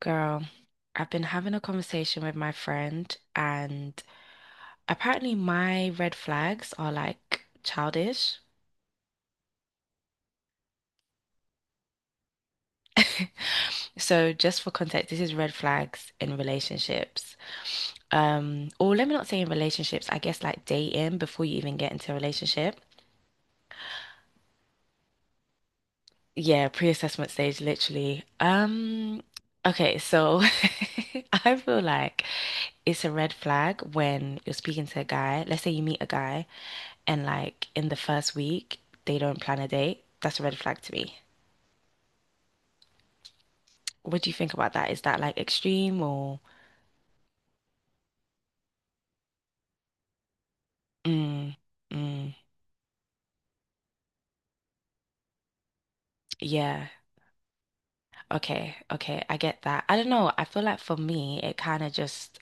Girl, I've been having a conversation with my friend, and apparently my red flags are like childish. So just for context, this is red flags in relationships. Or let me not say in relationships, I guess like dating before you even get into a relationship. Yeah, pre-assessment stage, literally. Okay, so I feel like it's a red flag when you're speaking to a guy. Let's say you meet a guy and like in the first week they don't plan a date, that's a red flag to me. What do you think about that? Is that like extreme or mm, mm, yeah. Okay, okay, I get that. I don't know. I feel like for me, it kind of just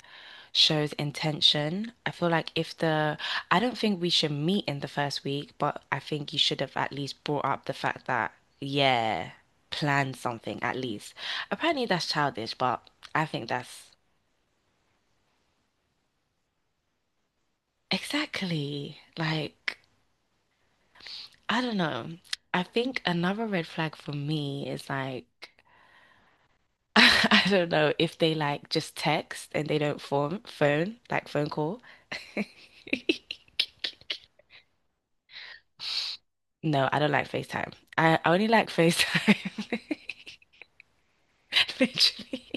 shows intention. I feel like if the, I don't think we should meet in the first week, but I think you should have at least brought up the fact that, yeah, plan something at least. Apparently that's childish, but I think that's exactly like. I don't know. I think another red flag for me is like I don't know if they like just text and they don't form phone call. No, I don't like FaceTime. I only like FaceTime. Literally.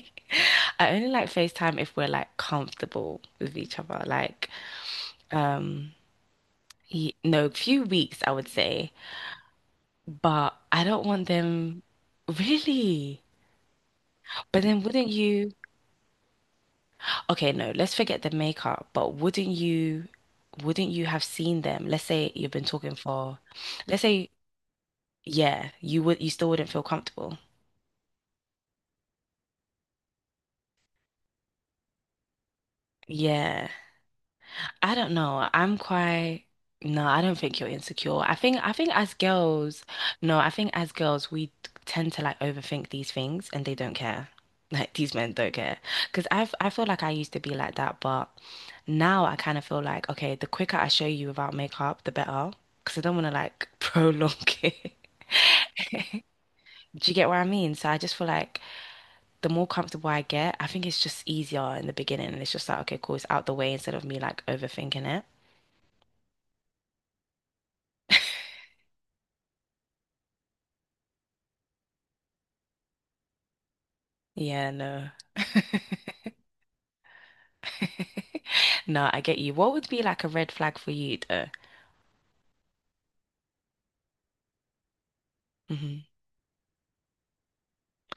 I only like FaceTime if we're like comfortable with each other. Like, um, no, few weeks I would say. But I don't want them really. But then wouldn't you? Okay, no, let's forget the makeup, but wouldn't you have seen them? Let's say you've been talking for let's say yeah, you would you still wouldn't feel comfortable. Yeah. I don't know. I'm quite no, I don't think you're insecure. I think as girls, no, I think as girls we tend to like overthink these things and they don't care. Like these men don't care. Because 'Cause I've I feel like I used to be like that, but now I kind of feel like okay, the quicker I show you without makeup, the better. Cause I don't want to like prolong it. Do you get what I mean? So I just feel like the more comfortable I get, I think it's just easier in the beginning and it's just like okay, cool, it's out the way instead of me like overthinking it. Yeah, no. No, I get you. What would be like a red flag for you though? Hmm.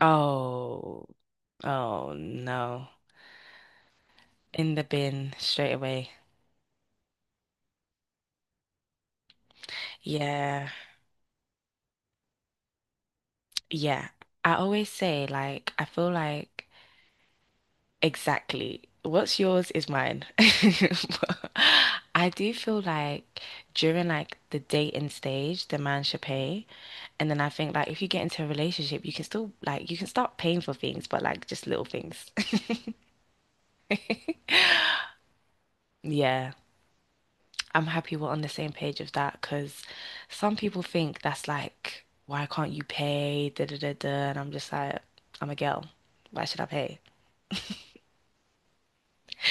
Oh, oh no. In the bin straight away. Yeah. Yeah. I always say like I feel like exactly what's yours is mine. But I do feel like during like the dating stage, the man should pay. And then I think like if you get into a relationship, you can still like you can start paying for things, but like just little things. Yeah. I'm happy we're on the same page of that because some people think that's like, why can't you pay? Da da da da. And I'm just like, I'm a girl. Why should I pay?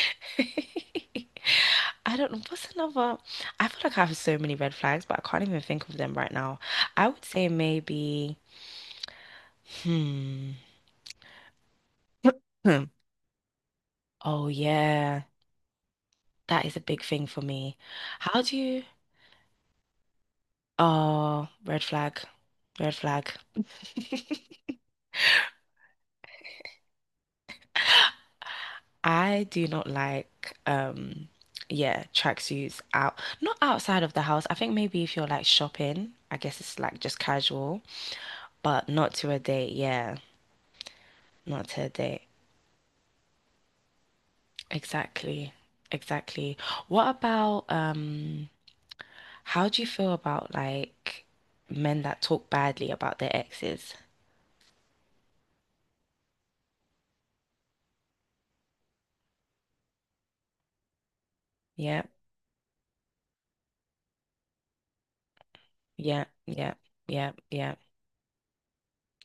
I don't know. What's another? I feel like I have so many red flags, but I can't even think of them right now. I would say maybe, hmm. Hmm. Oh, yeah. That is a big thing for me. How do you? Oh, red flag. Red flag. I do not like yeah, tracksuits out not outside of the house. I think maybe if you're like shopping, I guess it's like just casual, but not to a date, yeah. Not to a date. Exactly. Exactly. What about how do you feel about like men that talk badly about their exes? Yeah, yeah, yeah, yeah, yeah, yeah.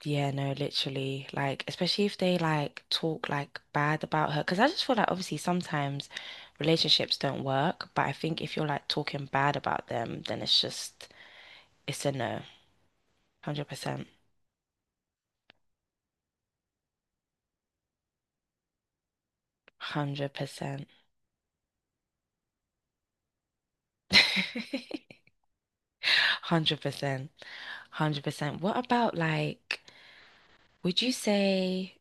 Yeah, no, literally. Like, especially if they like talk like bad about her. Because I just feel like obviously sometimes relationships don't work, but I think if you're like talking bad about them, then it's just it's a no. 100%. 100%. 100%. 100%. What about like, would you say,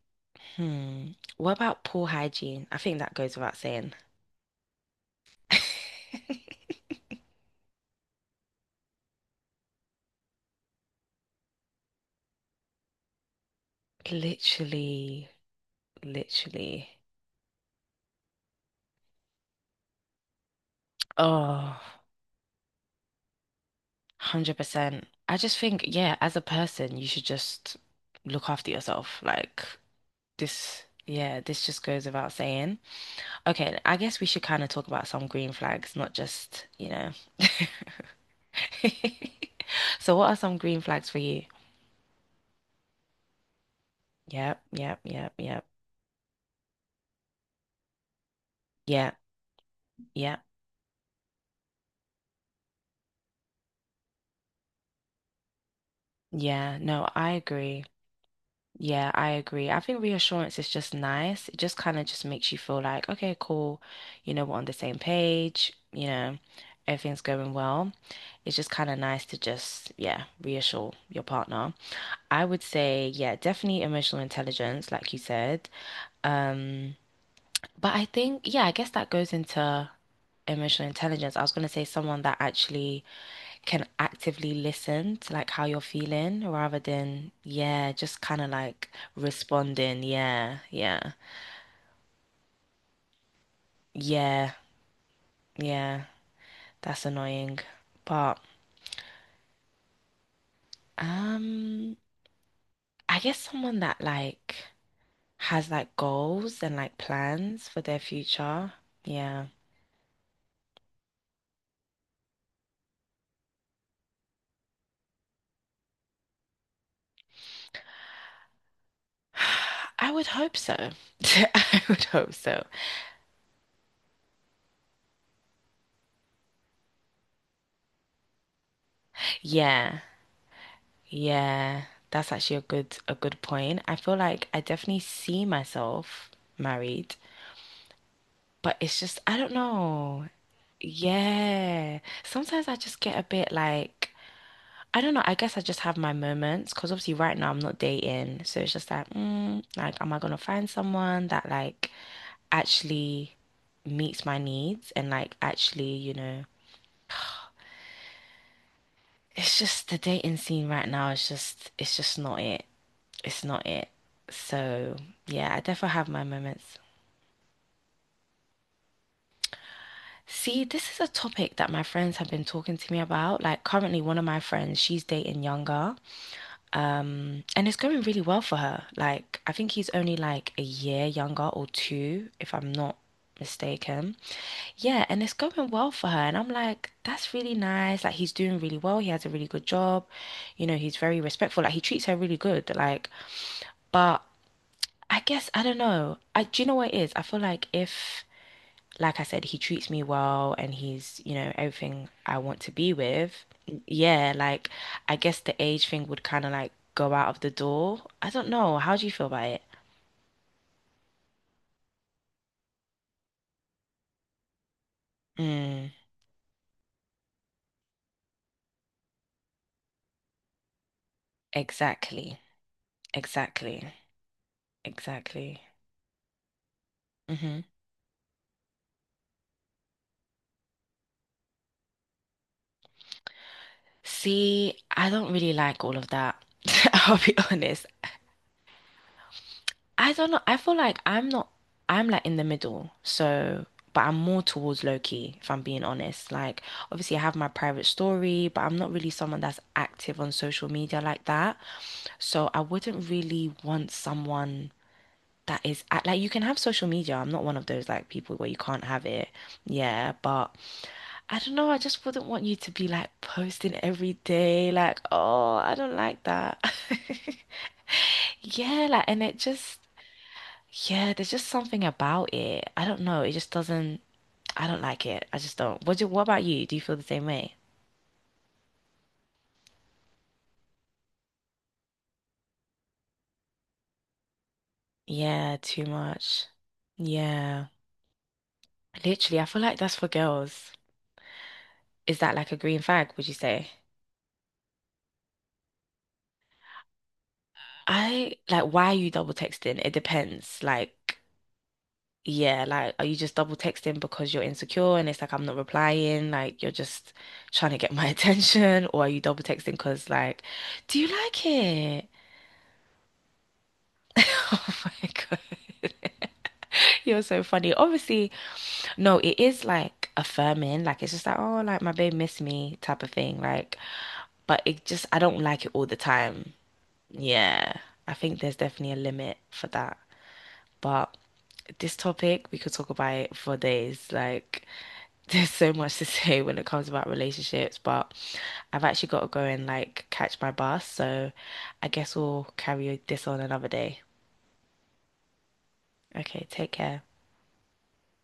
hmm, what about poor hygiene? I think that goes without saying. Literally, literally. Oh, 100%. I just think, yeah, as a person, you should just look after yourself. Like this, yeah, this just goes without saying. Okay, I guess we should kind of talk about some green flags, not just, you know. So what are some green flags for you? Yep, yep, yep, yep. Yeah, yeah, yeah. No, I agree. Yeah, I agree. I think reassurance is just nice. It just kind of just makes you feel like, okay, cool, you know, we're on the same page, you know, everything's going well. It's just kind of nice to just, yeah, reassure your partner. I would say, yeah, definitely emotional intelligence, like you said. Um, but I think, yeah, I guess that goes into emotional intelligence. I was going to say someone that actually can actively listen to like how you're feeling rather than, yeah, just kind of like responding. Yeah, yeah, yeah, yeah. That's annoying. But um, I guess someone that like has like goals and like plans for their future. Yeah. I would hope so. I would hope so. Yeah. Yeah. That's actually a good point. I feel like I definitely see myself married. But it's just, I don't know. Yeah. Sometimes I just get a bit like, I don't know. I guess I just have my moments because obviously right now I'm not dating. So it's just like, mm, like, am I gonna find someone that like actually meets my needs and like actually, you know, it's just the dating scene right now is just, it's just not it. It's not it. So yeah, I definitely have my moments. See, this is a topic that my friends have been talking to me about. Like currently one of my friends, she's dating younger. And it's going really well for her. Like I think he's only like a year younger or two, if I'm not mistaken. Yeah, and it's going well for her. And I'm like, that's really nice. Like he's doing really well. He has a really good job. You know, he's very respectful. Like he treats her really good. Like, but I guess I don't know. I do you know what it is? I feel like if like I said, he treats me well and he's, you know, everything I want to be with. Yeah, like I guess the age thing would kind of like go out of the door. I don't know. How do you feel about it? Mm, exactly. Exactly. Exactly. Hmm. See, I don't really like all of that. I'll be honest. I don't know. I feel like I'm not, I'm like in the middle. So, but I'm more towards low key, if I'm being honest. Like, obviously, I have my private story, but I'm not really someone that's active on social media like that. So, I wouldn't really want someone that is act- like, you can have social media. I'm not one of those like people where you can't have it. Yeah. But I don't know. I just wouldn't want you to be like posting every day. Like, oh, I don't like that. Yeah, like, and it just, yeah, there's just something about it. I don't know. It just doesn't. I don't like it. I just don't. What do, what about you? Do you feel the same way? Yeah, too much. Yeah. Literally, I feel like that's for girls. Is that like a green flag, would you say? I like why are you double texting? It depends. Like, yeah, like are you just double texting because you're insecure and it's like I'm not replying, like you're just trying to get my attention, or are you double texting because like, do you like it? Oh my God. You're so funny. Obviously, no, it is like affirming. Like it's just like, oh, like my babe missed me type of thing. Like, but it just I don't like it all the time. Yeah. I think there's definitely a limit for that. But this topic, we could talk about it for days. Like, there's so much to say when it comes about relationships, but I've actually got to go and like catch my bus, so I guess we'll carry this on another day. Okay, take care.